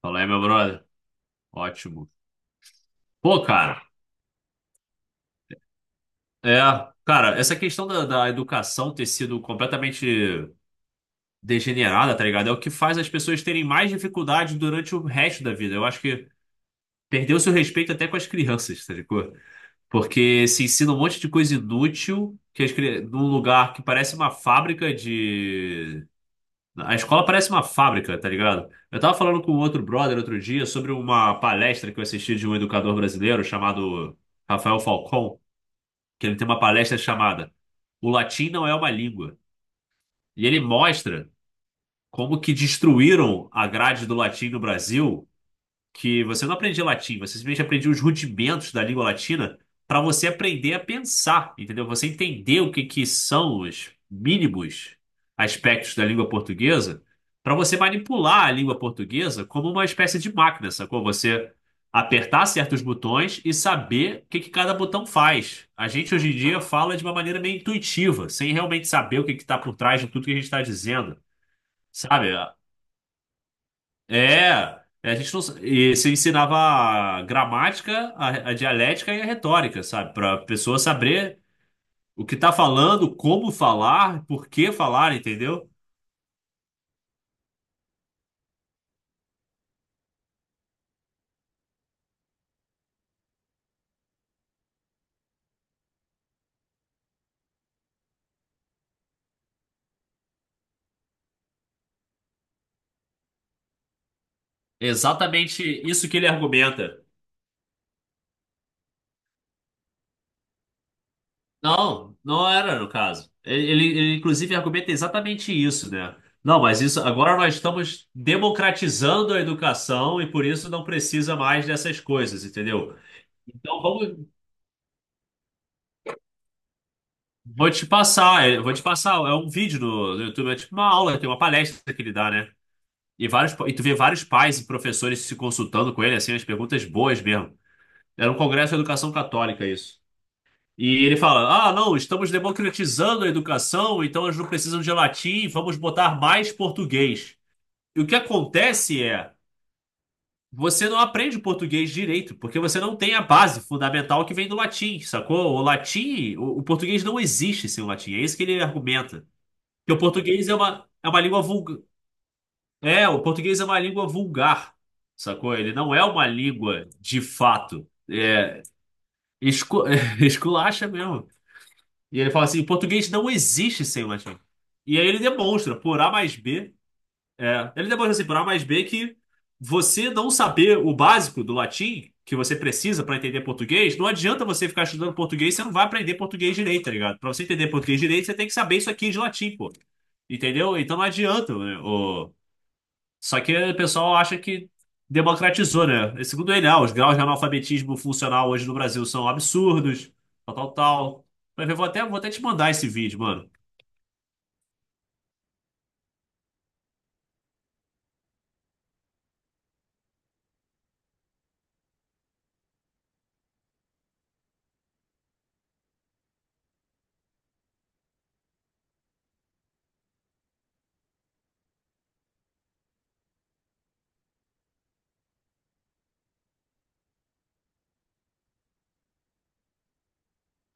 Fala aí, meu brother. Ótimo. Pô, cara, é. Cara, essa questão da educação ter sido completamente degenerada, tá ligado? É o que faz as pessoas terem mais dificuldade durante o resto da vida. Eu acho que perdeu-se o respeito até com as crianças, tá ligado? Porque se ensina um monte de coisa inútil que num lugar que parece uma fábrica de. A escola parece uma fábrica, tá ligado? Eu tava falando com outro brother outro dia sobre uma palestra que eu assisti de um educador brasileiro chamado Rafael Falcão, que ele tem uma palestra chamada O Latim Não É Uma Língua. E ele mostra como que destruíram a grade do latim no Brasil, que você não aprendia latim, você simplesmente aprendia os rudimentos da língua latina para você aprender a pensar, entendeu? Você entender o que que são os mínimos aspectos da língua portuguesa para você manipular a língua portuguesa como uma espécie de máquina, sacou? Você apertar certos botões e saber o que que cada botão faz. A gente hoje em dia fala de uma maneira meio intuitiva, sem realmente saber o que que está por trás de tudo que a gente está dizendo. Sabe? É, a gente não, e você ensinava a gramática, a dialética e a retórica, sabe? Para a pessoa saber o que tá falando, como falar, por que falar, entendeu? É exatamente isso que ele argumenta. Não, não era no caso. Ele inclusive argumenta exatamente isso, né? Não, mas isso agora nós estamos democratizando a educação e por isso não precisa mais dessas coisas, entendeu? Então vamos. Vou te passar. É um vídeo no YouTube, é tipo uma aula, tem uma palestra que ele dá, né? E vários, e tu vê vários pais e professores se consultando com ele, assim, as perguntas boas mesmo. Era um congresso de educação católica, isso. E ele fala: Ah, não, estamos democratizando a educação, então eles não precisam de latim, vamos botar mais português. E o que acontece é, você não aprende português direito, porque você não tem a base fundamental que vem do latim, sacou? O latim, o português não existe sem o latim, é isso que ele argumenta. Porque o português é uma língua vulgar. É, o português é uma língua vulgar, sacou? Ele não é uma língua de fato. É, escu- esculacha mesmo. E ele fala assim: o português não existe sem o latim. E aí ele demonstra, por A mais B, é, ele demonstra assim, por A mais B, que você não saber o básico do latim, que você precisa para entender português, não adianta você ficar estudando português, você não vai aprender português direito, tá ligado? Para você entender português direito, você tem que saber isso aqui de latim, pô. Entendeu? Então não adianta, né? O... Só que o pessoal acha que democratizou, né? E segundo ele, ah, os graus de analfabetismo funcional hoje no Brasil são absurdos, tal, tal, tal. Mas vou até te mandar esse vídeo, mano.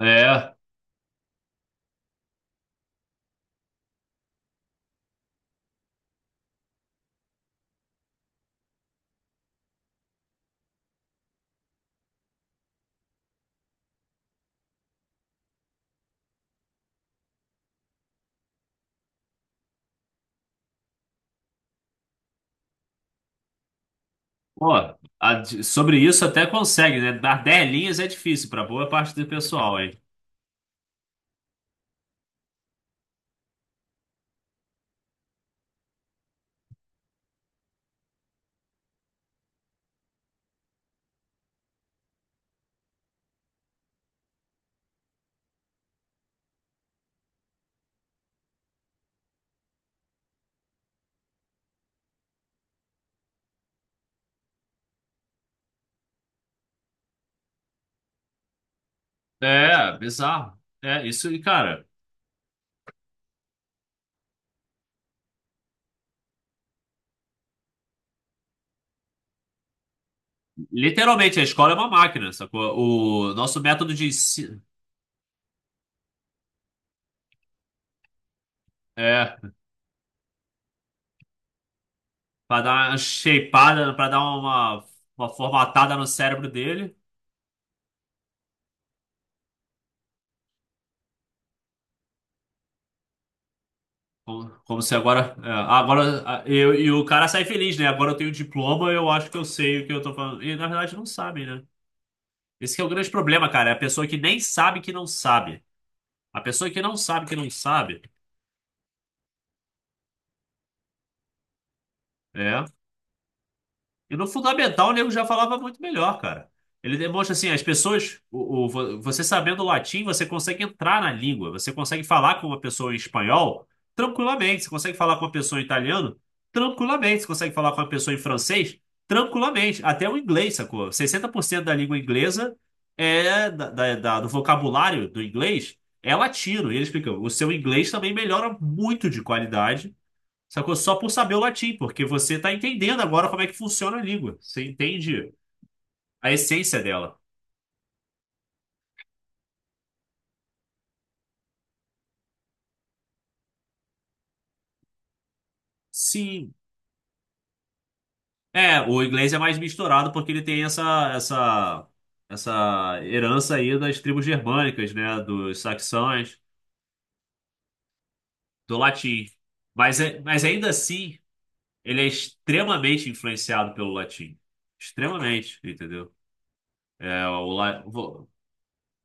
É. Pô, sobre isso até consegue, né? Dar 10 linhas é difícil para boa parte do pessoal, hein? É, bizarro. É, isso, e, cara, literalmente a escola é uma máquina, sacou? O nosso método de ensino é para dar uma shapeada, para dar uma formatada no cérebro dele, como, como se agora, é, agora e o cara sai feliz, né? Agora eu tenho diploma, eu acho que eu sei o que eu tô falando. E na verdade não sabe, né? Esse que é o grande problema, cara, é a pessoa que nem sabe que não sabe. A pessoa que não sabe, é. E no fundamental o nego já falava muito melhor, cara. Ele demonstra assim, as pessoas, você sabendo latim, você consegue entrar na língua, você consegue falar com uma pessoa em espanhol tranquilamente, você consegue falar com uma pessoa em italiano tranquilamente, você consegue falar com uma pessoa em francês tranquilamente, até o inglês, sacou? 60% da língua inglesa do vocabulário do inglês é latino. E ele explica, o seu inglês também melhora muito de qualidade. Sacou? Só por saber o latim, porque você está entendendo agora como é que funciona a língua. Você entende a essência dela. Sim. É, o inglês é mais misturado porque ele tem essa herança aí das tribos germânicas, né? Dos saxões, do latim. Mas, mas ainda assim, ele é extremamente influenciado pelo latim. Extremamente, entendeu? É, o, la- vo-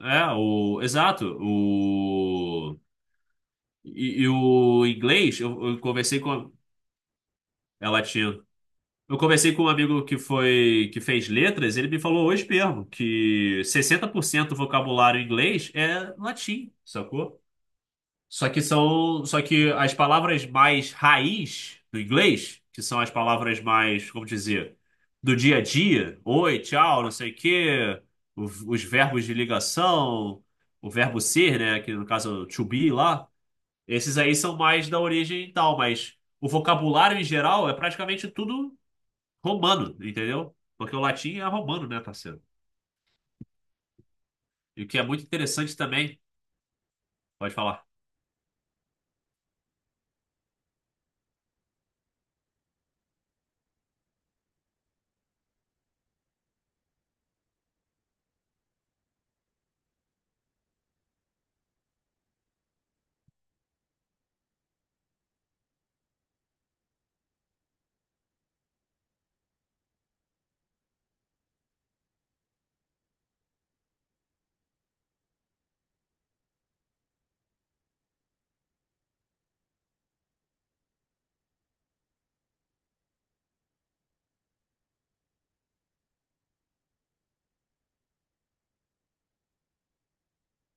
é, o, exato, o, e o inglês, eu conversei com... É latino. Eu conversei com um amigo que foi que fez letras, ele me falou hoje mesmo que 60% do vocabulário em inglês é latim, sacou? Só que as palavras mais raiz do inglês, que são as palavras mais, como dizer, do dia a dia, oi, tchau, não sei o quê, o- os verbos de ligação, o verbo ser, né, que no caso é o to be lá, esses aí são mais da origem e tal, mas o vocabulário em geral é praticamente tudo romano, entendeu? Porque o latim é romano, né, parceiro? E o que é muito interessante também, pode falar.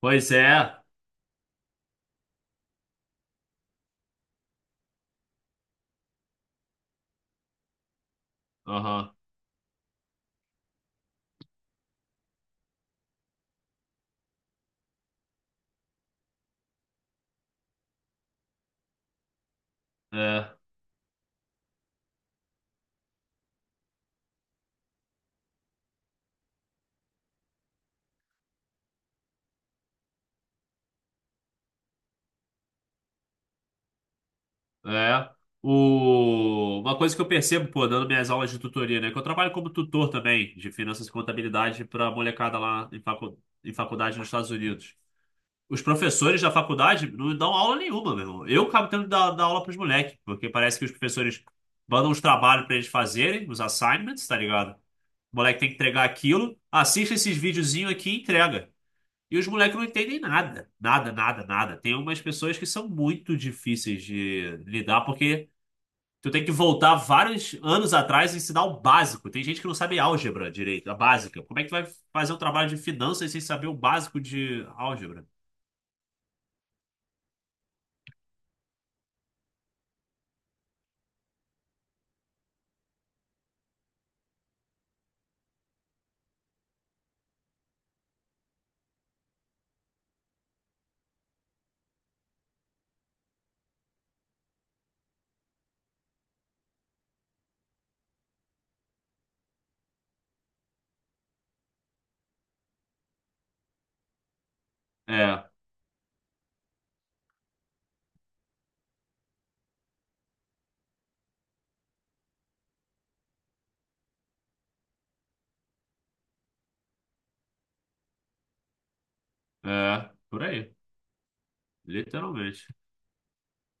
Pois é, aham, é, é. O... Uma coisa que eu percebo, pô, dando minhas aulas de tutoria, né, que eu trabalho como tutor também de finanças e contabilidade para molecada lá em, facu... em faculdade nos Estados Unidos. Os professores da faculdade não dão aula nenhuma, meu irmão. Eu acabo tendo que dar aula pros moleques, porque parece que os professores mandam os trabalhos para eles fazerem, os assignments, tá ligado? O moleque tem que entregar aquilo, assiste esses videozinhos aqui e entrega. E os moleques não entendem nada. Nada, nada, nada. Tem umas pessoas que são muito difíceis de lidar, porque tu tem que voltar vários anos atrás e ensinar o básico. Tem gente que não sabe álgebra direito, a básica. Como é que tu vai fazer um trabalho de finanças sem saber o básico de álgebra? É, por aí. Literalmente.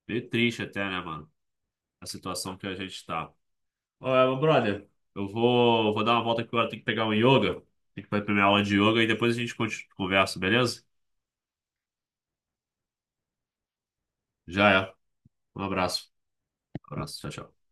Meio triste até, né, mano? A situação que a gente tá. Ô, brother, vou dar uma volta aqui agora, tenho que pegar um yoga. Tem que fazer a primeira aula de yoga e depois a gente conversa, beleza? Já é. Um abraço. Abraço. Tchau, tchau.